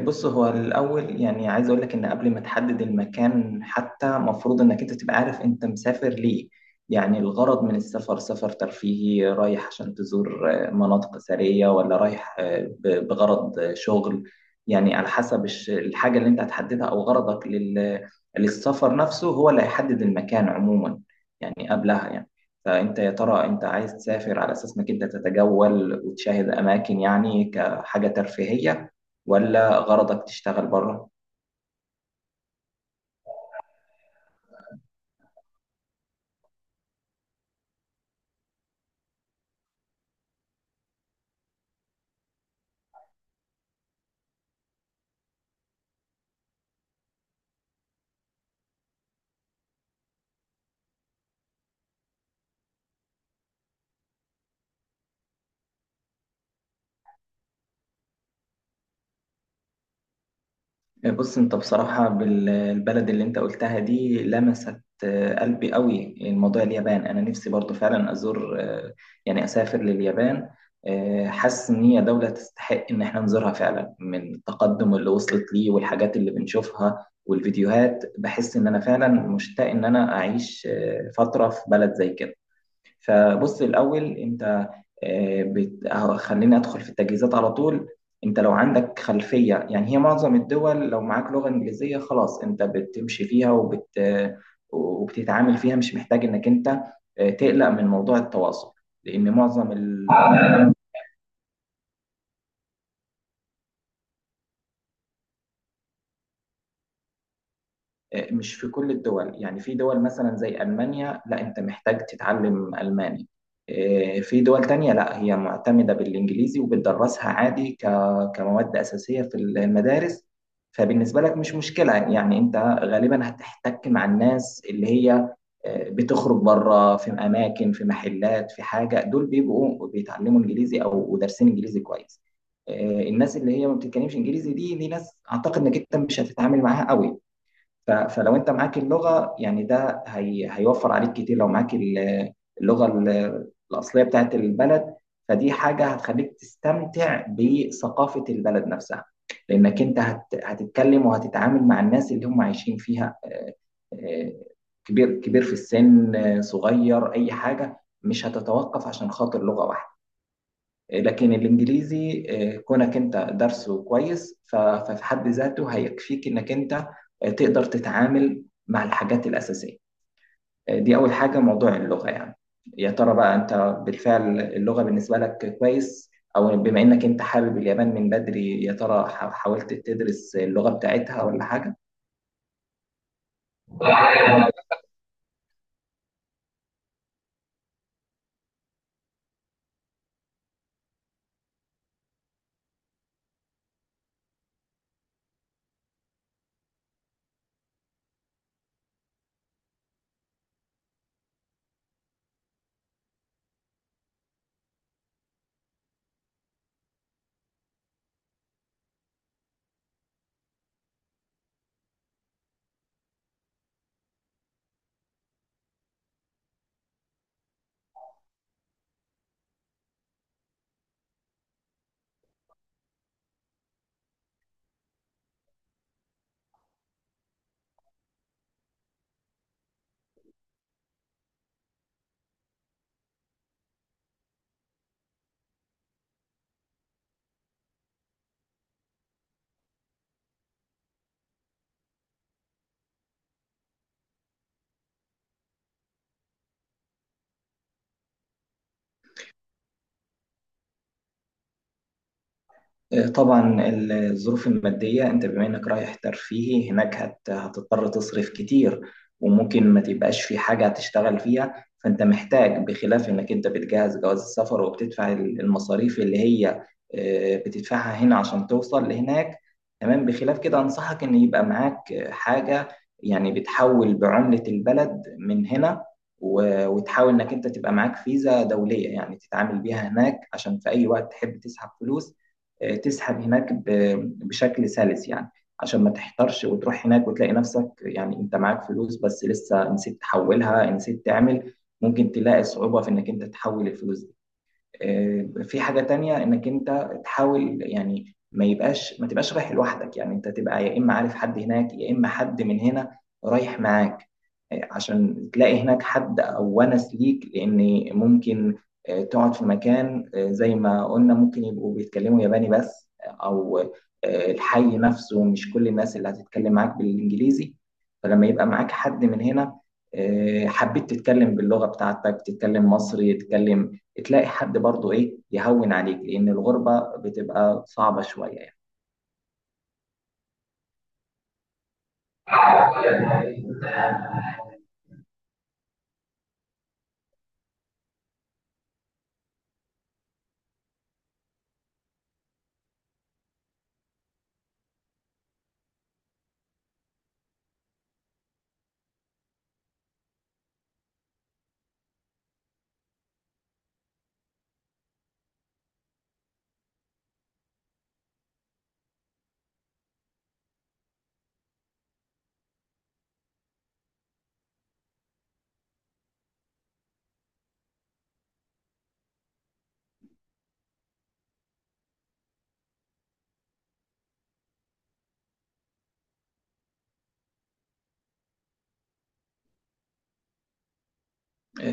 بص، هو الأول يعني عايز أقول لك إن قبل ما تحدد المكان حتى مفروض إنك أنت تبقى عارف أنت مسافر ليه. يعني الغرض من السفر، سفر ترفيهي رايح عشان تزور مناطق أثرية، ولا رايح بغرض شغل. يعني على حسب الحاجة اللي أنت هتحددها أو غرضك للسفر نفسه، هو اللي هيحدد المكان عموما يعني، قبلها يعني. فأنت يا ترى أنت عايز تسافر على أساس إنك أنت تتجول وتشاهد أماكن، يعني كحاجة ترفيهية، ولا غرضك تشتغل بره؟ بص، انت بصراحة البلد اللي انت قلتها دي لمست قلبي قوي. الموضوع اليابان، انا نفسي برضو فعلا ازور، يعني اسافر لليابان. حاسس ان هي دولة تستحق ان احنا نزورها فعلا، من التقدم اللي وصلت ليه والحاجات اللي بنشوفها والفيديوهات بحس ان انا فعلا مشتاق ان انا اعيش فترة في بلد زي كده. فبص، الاول انت أهو خليني ادخل في التجهيزات على طول. انت لو عندك خلفيه يعني، هي معظم الدول لو معاك لغه انجليزيه خلاص انت بتمشي فيها وبتتعامل فيها، مش محتاج انك انت تقلق من موضوع التواصل، لان معظم مش في كل الدول. يعني في دول مثلا زي ألمانيا، لا، أنت محتاج تتعلم ألماني. إيه، في دول تانية لا، هي معتمدة بالإنجليزي وبتدرسها عادي كمواد أساسية في المدارس. فبالنسبة لك مش مشكلة، يعني أنت غالبا هتحتك مع الناس اللي هي بتخرج بره، في أماكن، في محلات، في حاجة. دول بيبقوا بيتعلموا إنجليزي أو دارسين إنجليزي كويس. الناس اللي هي ما بتتكلمش إنجليزي دي، ناس أعتقد إنك أنت مش هتتعامل معاها قوي. فلو انت معاك اللغه يعني، ده هي هيوفر عليك كتير. لو معاك اللغه الاصليه بتاعت البلد، فدي حاجه هتخليك تستمتع بثقافه البلد نفسها، لانك انت هتتكلم وهتتعامل مع الناس اللي هم عايشين فيها، آه، كبير كبير في السن، صغير، اي حاجه. مش هتتوقف عشان خاطر لغه واحده. إيه، لكن الانجليزي كونك انت درسه كويس ففي حد ذاته هيكفيك انك انت تقدر تتعامل مع الحاجات الاساسيه. دي اول حاجه، موضوع اللغه يعني. يا ترى بقى، انت بالفعل اللغه بالنسبه لك كويس؟ او بما انك انت حابب اليابان من بدري، يا ترى حاولت تدرس اللغه بتاعتها ولا حاجه؟ طبعا، الظروف المادية، انت بما انك رايح ترفيهي هناك هتضطر تصرف كتير، وممكن ما تبقاش في حاجة هتشتغل فيها. فانت محتاج، بخلاف انك انت بتجهز جواز السفر وبتدفع المصاريف اللي هي بتدفعها هنا عشان توصل لهناك، تمام، بخلاف كده انصحك ان يبقى معاك حاجة، يعني بتحول بعملة البلد من هنا، وتحاول انك انت تبقى معاك فيزا دولية يعني تتعامل بيها هناك، عشان في اي وقت تحب تسحب فلوس، تسحب هناك بشكل سلس يعني، عشان ما تحترش وتروح هناك وتلاقي نفسك يعني انت معاك فلوس بس لسه نسيت تحولها، نسيت تعمل. ممكن تلاقي صعوبة في انك انت تحول الفلوس دي. في حاجة تانية، انك انت تحاول يعني ما تبقاش رايح لوحدك. يعني انت تبقى يا اما عارف حد هناك، يا اما حد من هنا رايح معاك، عشان تلاقي هناك حد او ونس ليك. لان ممكن تقعد في مكان زي ما قلنا ممكن يبقوا بيتكلموا ياباني بس، او الحي نفسه مش كل الناس اللي هتتكلم معاك بالانجليزي. فلما يبقى معاك حد من هنا، حبيت تتكلم باللغة بتاعتك، تتكلم مصري، تتكلم، تلاقي حد برضه، ايه، يهون عليك، لان الغربه بتبقى صعبه شويه يعني.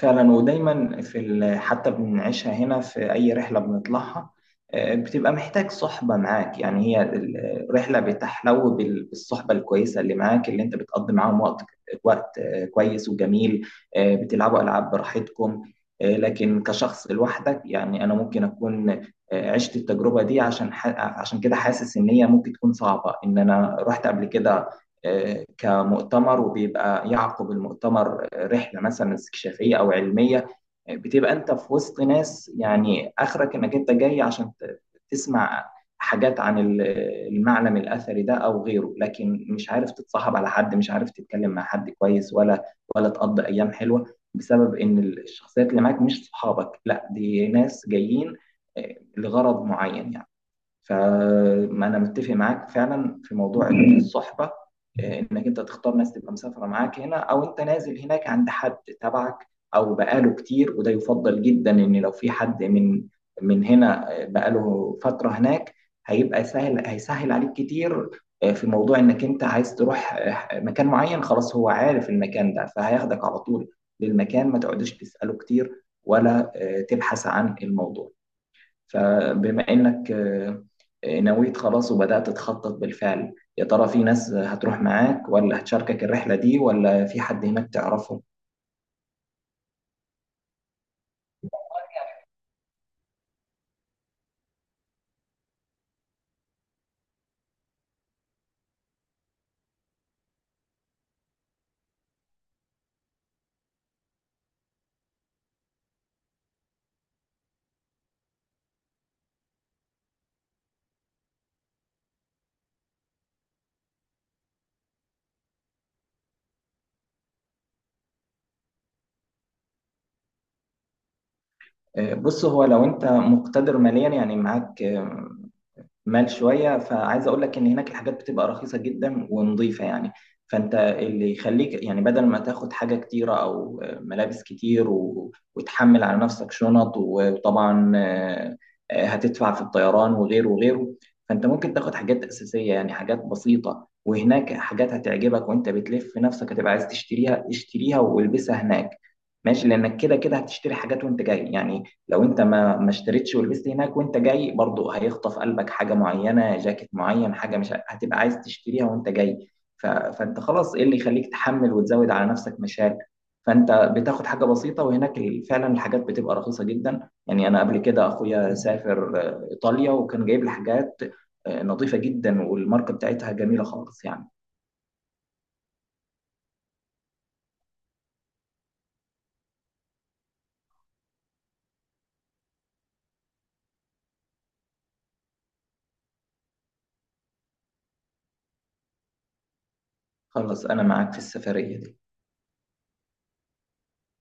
فعلا، ودايما في حتى بنعيشها هنا في اي رحله بنطلعها، بتبقى محتاج صحبه معاك. يعني هي الرحله بتحلو بالصحبه الكويسه اللي معاك، اللي انت بتقضي معاهم وقت كويس وجميل، بتلعبوا العاب براحتكم. لكن كشخص لوحدك، يعني انا ممكن اكون عشت التجربه دي، عشان عشان كده حاسس ان هي ممكن تكون صعبه. ان انا رحت قبل كده كمؤتمر، وبيبقى يعقب المؤتمر رحله مثلا استكشافيه او علميه، بتبقى انت في وسط ناس، يعني اخرك انك انت جاي عشان تسمع حاجات عن المعلم الاثري ده او غيره، لكن مش عارف تتصاحب على حد، مش عارف تتكلم مع حد كويس، ولا تقضي ايام حلوه، بسبب ان الشخصيات اللي معاك مش صحابك. لا، دي ناس جايين لغرض معين يعني. فما انا متفق معاك فعلا في موضوع الصحبه، انك انت تختار ناس تبقى مسافره معاك هنا، او انت نازل هناك عند حد تبعك او بقاله كتير. وده يفضل جدا، ان لو في حد من هنا بقاله فتره هناك، هيبقى سهل، هيسهل عليك كتير في موضوع انك انت عايز تروح مكان معين. خلاص، هو عارف المكان ده فهياخدك على طول للمكان، ما تقعدش تساله كتير، ولا تبحث عن الموضوع. فبما إنك نويت خلاص وبدأت تخطط بالفعل، يا ترى في ناس هتروح معاك ولا هتشاركك الرحلة دي، ولا في حد هناك تعرفه؟ بص، هو لو أنت مقتدر ماليا، يعني معاك مال شويه، فعايز اقول لك ان هناك الحاجات بتبقى رخيصه جدا ونظيفه يعني. فانت اللي يخليك يعني، بدل ما تاخد حاجه كتيره او ملابس كتير وتحمل على نفسك شنط وطبعا هتدفع في الطيران وغيره وغيره، فانت ممكن تاخد حاجات اساسيه يعني حاجات بسيطه، وهناك حاجات هتعجبك وانت بتلف في نفسك هتبقى عايز تشتريها، اشتريها والبسها هناك ماشي، لانك كده كده هتشتري حاجات وانت جاي يعني. لو انت ما اشتريتش ولبست هناك، وانت جاي برضو هيخطف قلبك حاجه معينه، جاكيت معين، حاجه مش هتبقى عايز تشتريها وانت جاي. فانت خلاص، ايه اللي يخليك تحمل وتزود على نفسك مشاكل؟ فانت بتاخد حاجه بسيطه، وهناك فعلا الحاجات بتبقى رخيصه جدا يعني. انا قبل كده اخويا سافر ايطاليا، وكان جايب لي حاجات نظيفه جدا، والماركه بتاعتها جميله خالص يعني. خلاص، انا معاك في السفريه دي.